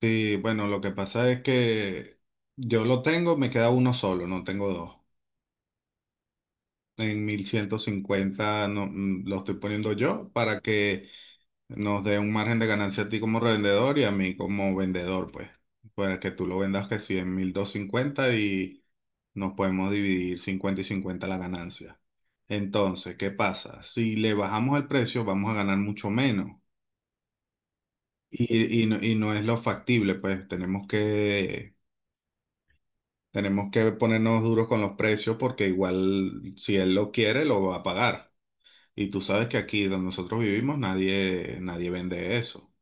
Sí, bueno, lo que pasa es que yo lo tengo, me queda uno solo, no tengo dos. En 1150 no, lo estoy poniendo yo para que nos dé un margen de ganancia a ti como revendedor y a mí como vendedor, pues. Para que tú lo vendas que sí en 1250 y nos podemos dividir 50 y 50 la ganancia. Entonces, ¿qué pasa? Si le bajamos el precio, vamos a ganar mucho menos. No es lo factible, pues tenemos que ponernos duros con los precios porque igual si él lo quiere, lo va a pagar. Y tú sabes que aquí donde nosotros vivimos nadie, nadie vende eso.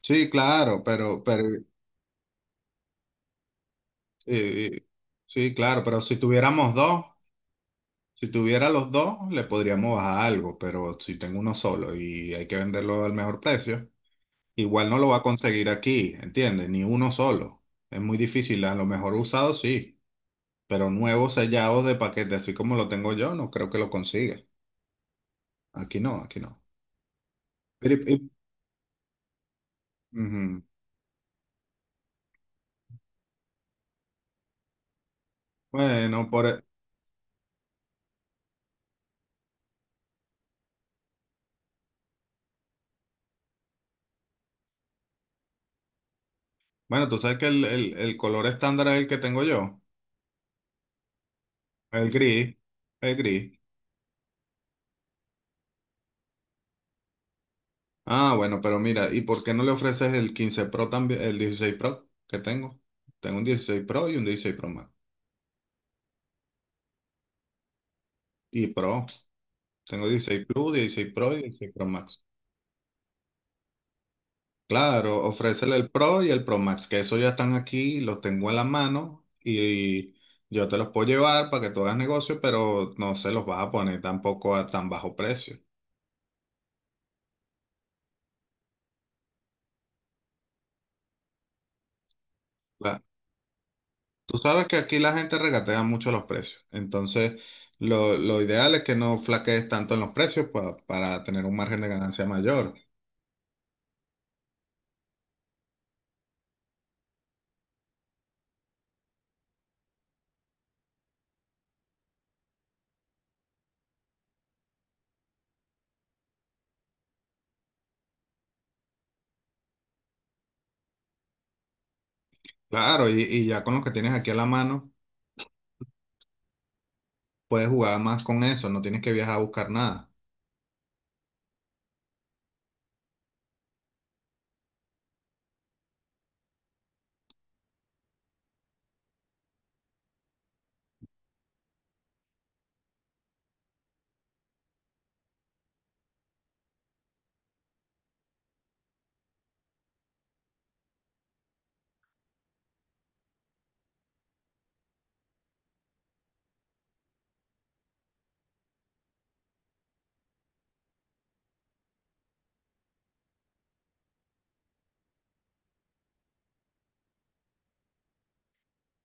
Sí, claro, pero eh, sí, claro, pero si tuviéramos dos, si tuviera los dos, le podríamos bajar algo, pero si tengo uno solo y hay que venderlo al mejor precio, igual no lo va a conseguir aquí, ¿entiendes? Ni uno solo. Es muy difícil, a lo mejor usado sí, pero nuevos sellados de paquete, así como lo tengo yo, no creo que lo consiga. Aquí no, aquí no. Pero, y- ujú. Bueno, por, bueno, tú sabes que el color estándar es el que tengo yo, el gris, el gris. Ah, bueno, pero mira, ¿y por qué no le ofreces el 15 Pro también, el 16 Pro que tengo? Tengo un 16 Pro y un 16 Pro Max. Y Pro, tengo 16 Plus, dieciséis Pro y 16 Pro Max. Claro, ofrécele el Pro y el Pro Max, que eso ya están aquí, los tengo en la mano y yo te los puedo llevar para que tú hagas negocio, pero no se los vas a poner tampoco a tan bajo precio. La- tú sabes que aquí la gente regatea mucho los precios, entonces lo ideal es que no flaquees tanto en los precios para tener un margen de ganancia mayor. Claro, y ya con lo que tienes aquí en la mano, puedes jugar más con eso, no tienes que viajar a buscar nada.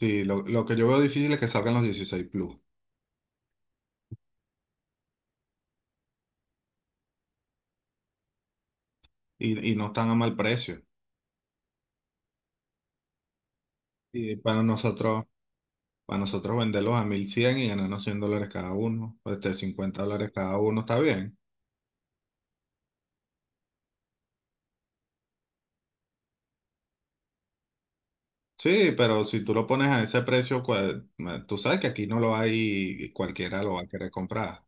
Sí, lo que yo veo difícil es que salgan los 16 Plus. Y no están a mal precio. Y para nosotros venderlos a 1100 y ganarnos 100 dólares cada uno, 50 dólares cada uno, está bien. Sí, pero si tú lo pones a ese precio, tú sabes que aquí no lo hay y cualquiera lo va a querer comprar.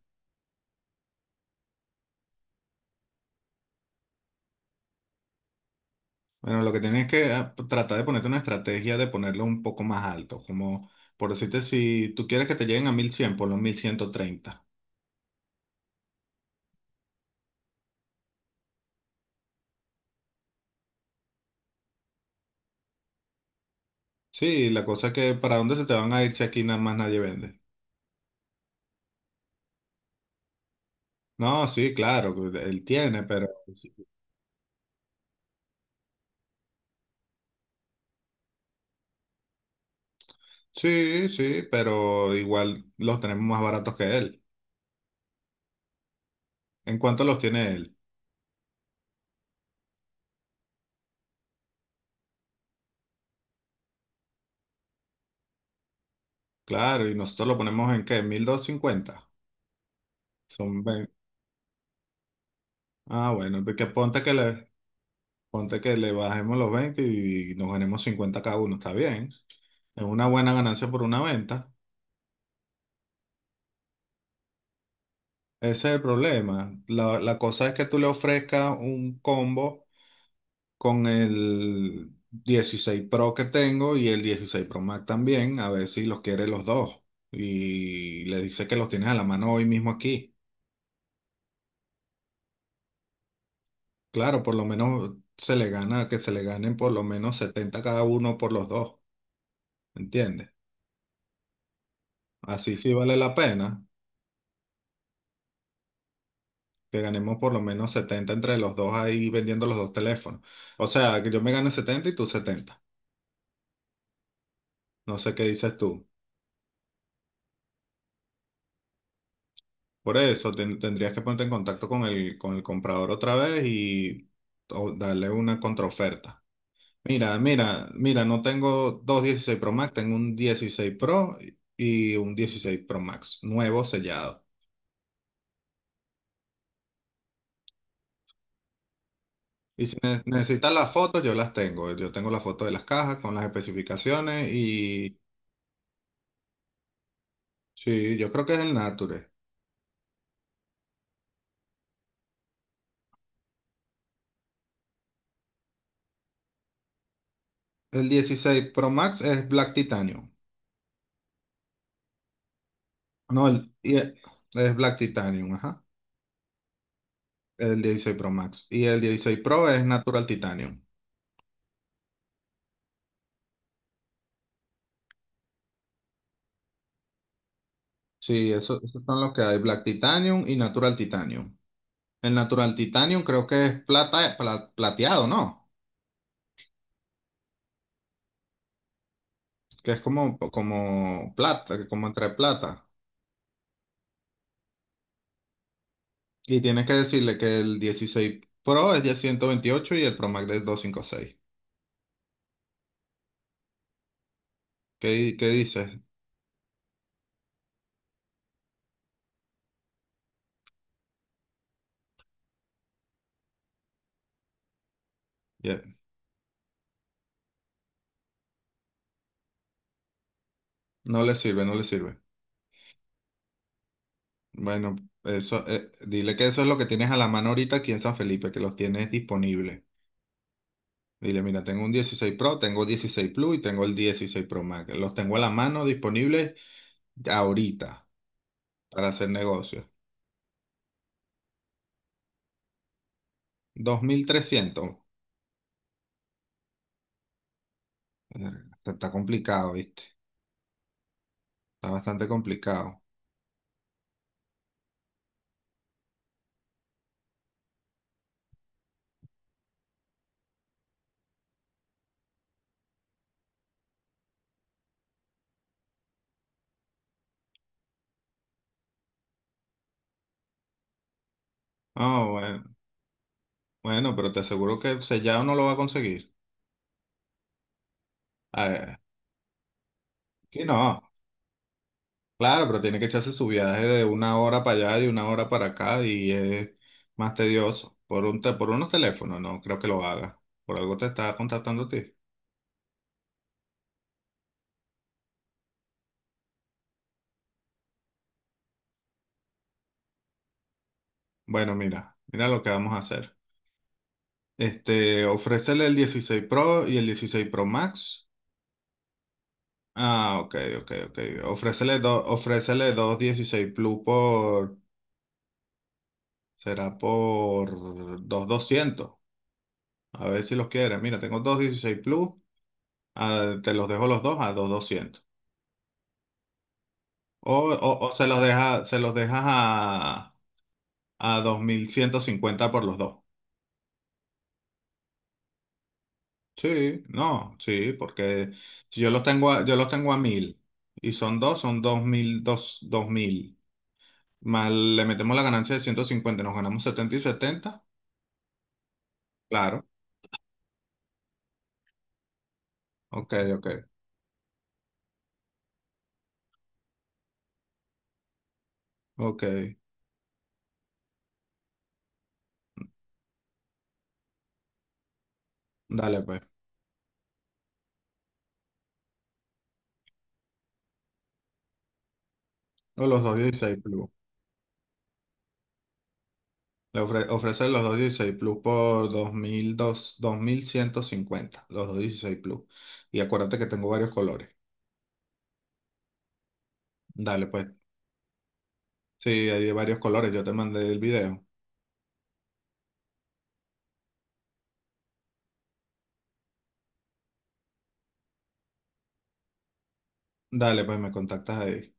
Bueno, lo que tienes que tratar de ponerte una estrategia de ponerlo un poco más alto, como por decirte, si tú quieres que te lleguen a 1100, ponlo en mil ciento treinta. Sí, la cosa es que ¿para dónde se te van a ir si aquí nada más nadie vende? No, sí, claro, él tiene, pero... si. Sí, sí, pero igual los tenemos más baratos que él. ¿En cuánto los tiene él? Claro, y nosotros lo ponemos en qué, 1250. Son 20. Ah, bueno, porque ponte que le bajemos los 20 y nos ganemos 50 cada uno, está bien. Es una buena ganancia por una venta. Ese es el problema. La cosa es que tú le ofrezcas un combo con el 16 Pro que tengo y el 16 Pro Max también, a ver si los quiere los dos. Y le dice que los tienes a la mano hoy mismo aquí. Claro, por lo menos se le gana, que se le ganen por lo menos 70 cada uno por los dos, ¿entiendes? Así sí vale la pena que ganemos por lo menos 70 entre los dos ahí vendiendo los dos teléfonos. O sea, que yo me gane 70 y tú setenta. No sé qué dices tú. Por eso tendrías que ponerte en contacto con el comprador otra vez y o darle una contraoferta. Mira, mira, mira, no tengo dos 16 Pro Max, tengo un 16 Pro y un 16 Pro Max, nuevo sellado. Y si necesitas las fotos, yo las tengo. Yo tengo las fotos de las cajas con las especificaciones y sí, yo creo que es el Nature. El 16 Pro Max es Black Titanium. No, el, y- es Black Titanium, ajá. El 16 Pro Max. Y el 16 Pro es Natural Titanium. Sí, eso, esos son los que hay, Black Titanium y Natural Titanium. El Natural Titanium creo que es plata, plateado, ¿no? Que es como, como plata, como entre plata. Y tienes que decirle que el 16 Pro es de 128 y el Pro Max de doscientos cincuenta y seis. ¿Qué, qué dices? Ya, no le sirve, no le sirve. Bueno, eso, dile que eso es lo que tienes a la mano ahorita aquí en San Felipe, que los tienes disponibles. Dile, mira, tengo un 16 Pro, tengo 16 Plus y tengo el 16 Pro Max. Los tengo a la mano disponibles ahorita para hacer negocios. 2300. Verga, está complicado, ¿viste? Está bastante complicado. Ah, bueno, bueno, pero te aseguro que sellado no lo va a conseguir. A ver, sí, no. Claro, pero tiene que echarse su viaje de una hora para allá y una hora para acá y es más tedioso. Por unos teléfonos, no creo que lo haga. Por algo te está contactando a ti. Bueno, mira, mira lo que vamos a hacer. Este, ofrécele el 16 Pro y el 16 Pro Max. Ah, ok, ok, ok. Ofrécele dos 16 Plus por, será por dos doscientos. A ver si los quieres. Mira, tengo dos 16 Plus, ah, te los dejo los dos a dos doscientos. O, o se los deja, se los dejas a 2.150 por los dos. Sí, no, sí, porque si yo los tengo a, yo los tengo a mil y son dos mil, dos, dos mil. Más le metemos la ganancia de 150, nos ganamos setenta y 70, claro, ok, ok, ok. Dale pues. O los doscientos dieciséis Plus. Ofrece los 216 Plus por 2150, los 216 Plus. Y acuérdate que tengo varios colores. Dale pues. Sí, hay de varios colores, yo te mandé el video. Dale pues, me contactas ahí.